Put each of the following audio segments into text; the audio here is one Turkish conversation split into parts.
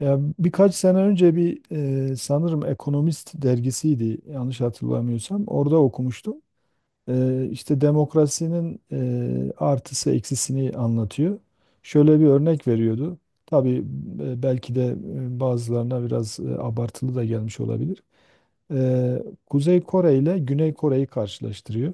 Ya birkaç sene önce bir sanırım Ekonomist dergisiydi yanlış hatırlamıyorsam. Orada okumuştum. E, işte demokrasinin artısı eksisini anlatıyor. Şöyle bir örnek veriyordu. Tabii belki de bazılarına biraz abartılı da gelmiş olabilir. E, Kuzey Kore ile Güney Kore'yi karşılaştırıyor.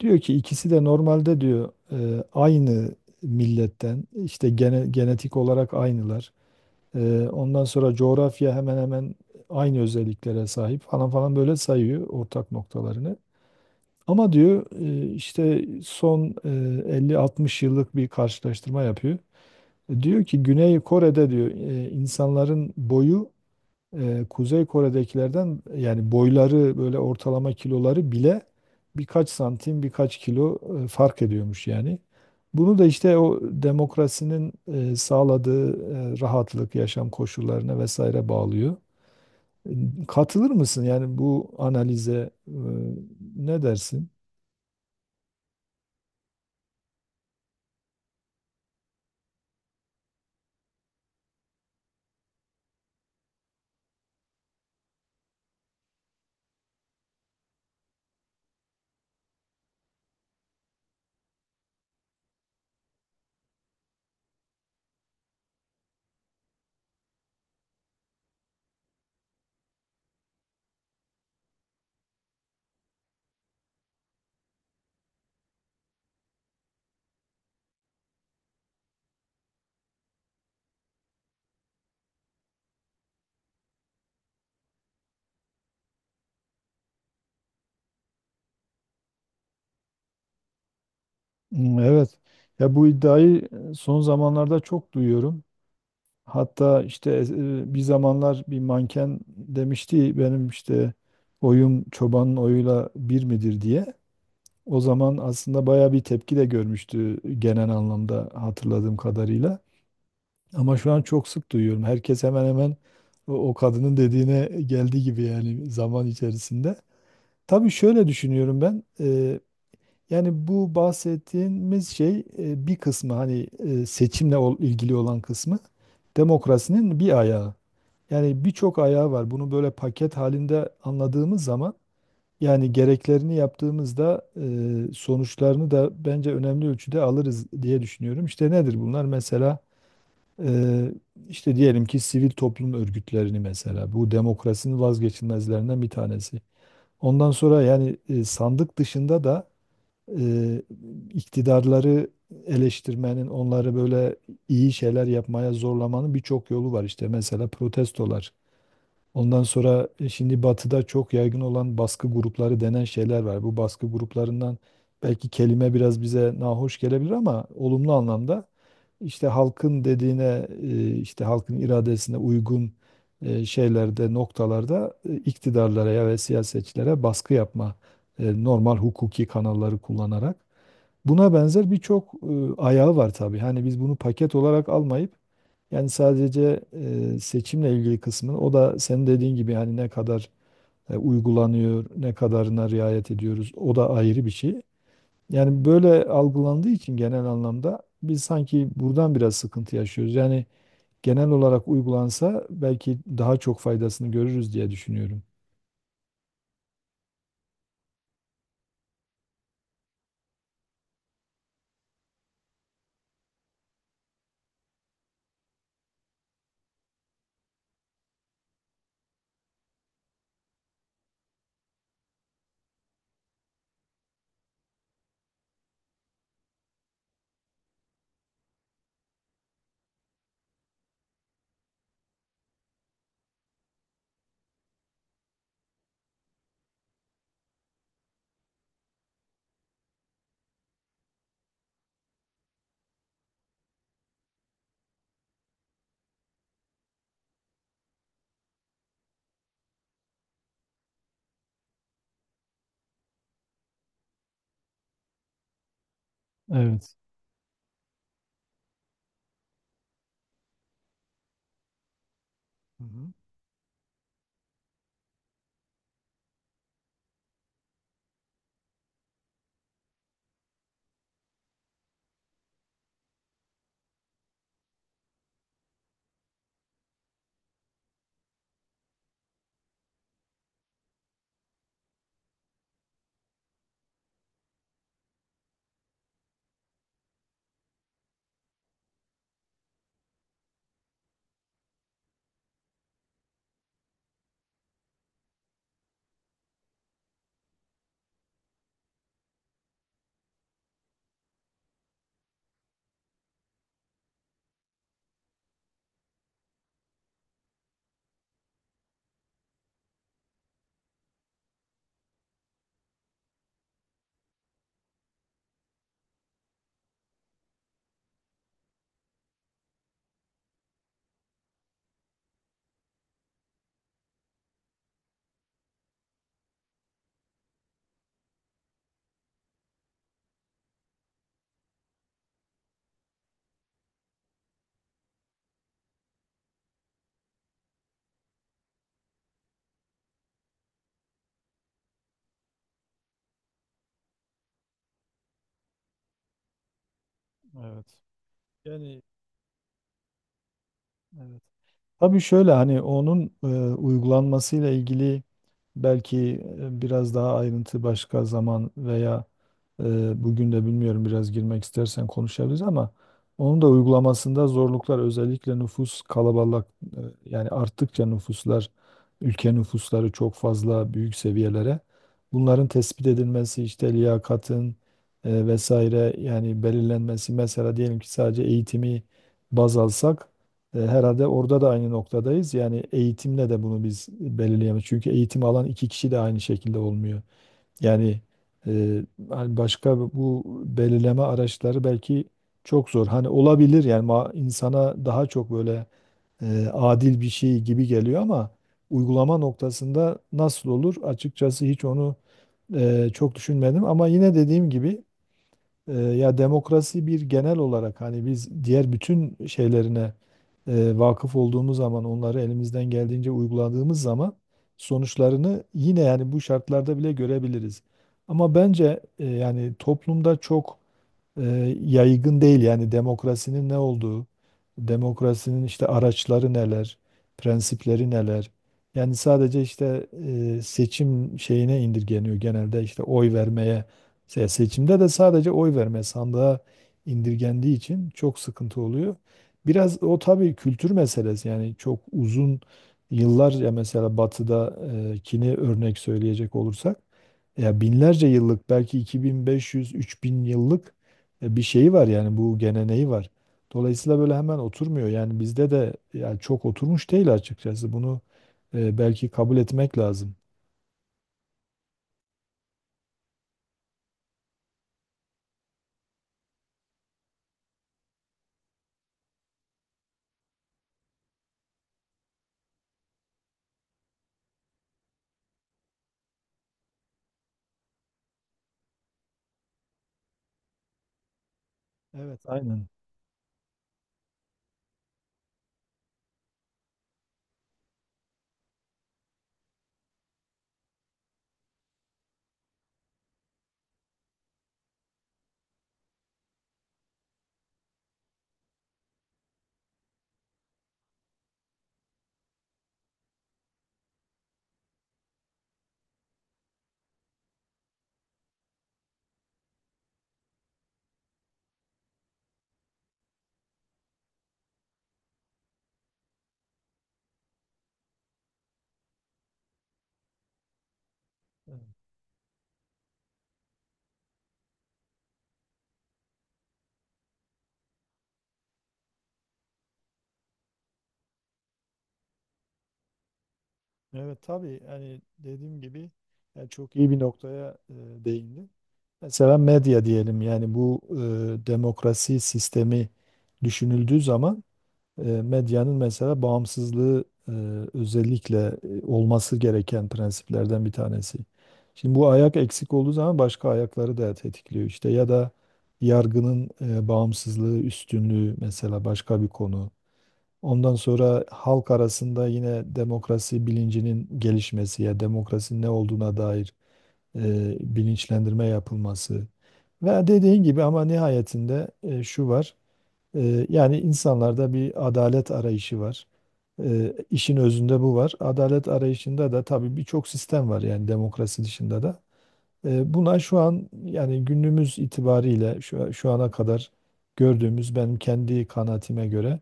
Diyor ki ikisi de normalde diyor aynı milletten işte genetik olarak aynılar. Ondan sonra coğrafya hemen hemen aynı özelliklere sahip falan falan böyle sayıyor ortak noktalarını. Ama diyor işte son 50-60 yıllık bir karşılaştırma yapıyor. Diyor ki Güney Kore'de diyor insanların boyu Kuzey Kore'dekilerden yani boyları böyle ortalama kiloları bile birkaç santim birkaç kilo fark ediyormuş yani. Bunu da işte o demokrasinin sağladığı rahatlık, yaşam koşullarına vesaire bağlıyor. Katılır mısın yani bu analize, ne dersin? Hmm. Evet. Ya bu iddiayı son zamanlarda çok duyuyorum. Hatta işte bir zamanlar bir manken demişti benim işte oyum çobanın oyuyla bir midir diye. O zaman aslında baya bir tepki de görmüştü genel anlamda hatırladığım kadarıyla. Ama şu an çok sık duyuyorum. Herkes hemen hemen o kadının dediğine geldi gibi yani zaman içerisinde. Tabii şöyle düşünüyorum ben. Yani bu bahsettiğimiz şey, bir kısmı, hani ilgili olan kısmı demokrasinin bir ayağı. Yani birçok ayağı var. Bunu böyle paket halinde anladığımız zaman, yani gereklerini yaptığımızda, sonuçlarını da bence önemli ölçüde alırız diye düşünüyorum. İşte nedir bunlar? Mesela e, işte diyelim ki sivil toplum örgütlerini, mesela bu demokrasinin vazgeçilmezlerinden bir tanesi. Ondan sonra yani sandık dışında da e, iktidarları eleştirmenin, onları böyle iyi şeyler yapmaya zorlamanın birçok yolu var. İşte mesela protestolar. Ondan sonra şimdi batıda çok yaygın olan baskı grupları denen şeyler var. Bu baskı gruplarından belki kelime biraz bize nahoş gelebilir ama olumlu anlamda işte halkın dediğine, işte halkın iradesine uygun şeylerde, noktalarda, iktidarlara ya ve siyasetçilere baskı yapma, normal hukuki kanalları kullanarak. Buna benzer birçok ayağı var tabii. Hani biz bunu paket olarak almayıp, yani sadece seçimle ilgili kısmını, o da senin dediğin gibi hani ne kadar uygulanıyor, ne kadarına riayet ediyoruz, o da ayrı bir şey. Yani böyle algılandığı için genel anlamda biz sanki buradan biraz sıkıntı yaşıyoruz. Yani genel olarak uygulansa belki daha çok faydasını görürüz diye düşünüyorum. Evet. Hı hı. Evet. Yani. Evet. Tabii şöyle hani onun uygulanmasıyla ilgili belki biraz daha ayrıntı başka zaman veya bugün de bilmiyorum, biraz girmek istersen konuşabiliriz ama onun da uygulamasında zorluklar özellikle nüfus kalabalık, yani arttıkça nüfuslar, ülke nüfusları çok fazla büyük seviyelere, bunların tespit edilmesi işte liyakatın vesaire yani belirlenmesi. Mesela diyelim ki sadece eğitimi baz alsak, herhalde orada da aynı noktadayız. Yani eğitimle de bunu biz belirleyemeyiz. Çünkü eğitim alan iki kişi de aynı şekilde olmuyor. Yani e, hani başka bu belirleme araçları belki çok zor. Hani olabilir yani insana daha çok böyle adil bir şey gibi geliyor ama uygulama noktasında nasıl olur? Açıkçası hiç onu çok düşünmedim. Ama yine dediğim gibi ya demokrasi bir genel olarak, hani biz diğer bütün şeylerine vakıf olduğumuz zaman, onları elimizden geldiğince uyguladığımız zaman sonuçlarını yine yani bu şartlarda bile görebiliriz. Ama bence yani toplumda çok e, yaygın değil yani demokrasinin ne olduğu, demokrasinin işte araçları neler, prensipleri neler. Yani sadece işte seçim şeyine indirgeniyor genelde, işte oy vermeye. Seçimde de sadece oy verme sandığa indirgendiği için çok sıkıntı oluyor. Biraz o tabii kültür meselesi. Yani çok uzun yıllar, ya mesela Batı'dakini örnek söyleyecek olursak ya binlerce yıllık, belki 2500-3000 yıllık bir şeyi var, yani bu geleneği var. Dolayısıyla böyle hemen oturmuyor. Yani bizde de yani çok oturmuş değil açıkçası. Bunu belki kabul etmek lazım. Evet. Aynen. Evet. Evet, tabii hani dediğim gibi yani çok iyi bir noktaya değindin. Mesela medya diyelim, yani bu demokrasi sistemi düşünüldüğü zaman medyanın mesela bağımsızlığı özellikle olması gereken prensiplerden bir tanesi. Şimdi bu ayak eksik olduğu zaman başka ayakları da tetikliyor, işte, ya da yargının bağımsızlığı, üstünlüğü mesela başka bir konu. Ondan sonra halk arasında yine demokrasi bilincinin gelişmesi, ya demokrasinin ne olduğuna dair bilinçlendirme yapılması. Ve dediğin gibi ama nihayetinde şu var. Yani insanlarda bir adalet arayışı var. İşin özünde bu var. Adalet arayışında da tabii birçok sistem var yani demokrasi dışında da. Buna şu an yani günümüz itibariyle şu ana kadar gördüğümüz, benim kendi kanaatime göre,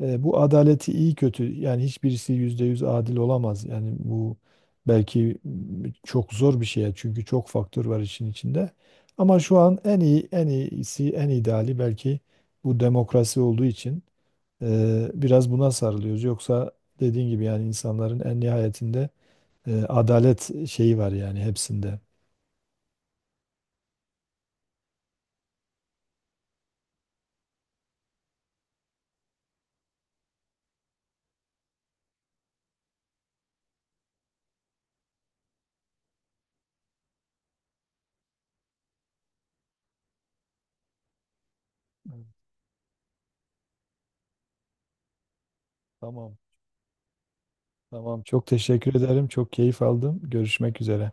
bu adaleti iyi kötü, yani hiçbirisi yüzde yüz adil olamaz. Yani bu belki çok zor bir şey, çünkü çok faktör var işin içinde. Ama şu an en iyi, en iyisi, en ideali belki bu demokrasi olduğu için biraz buna sarılıyoruz. Yoksa dediğin gibi yani insanların en nihayetinde adalet şeyi var yani hepsinde. Evet. Tamam, tamam. Çok teşekkür ederim. Çok keyif aldım. Görüşmek üzere.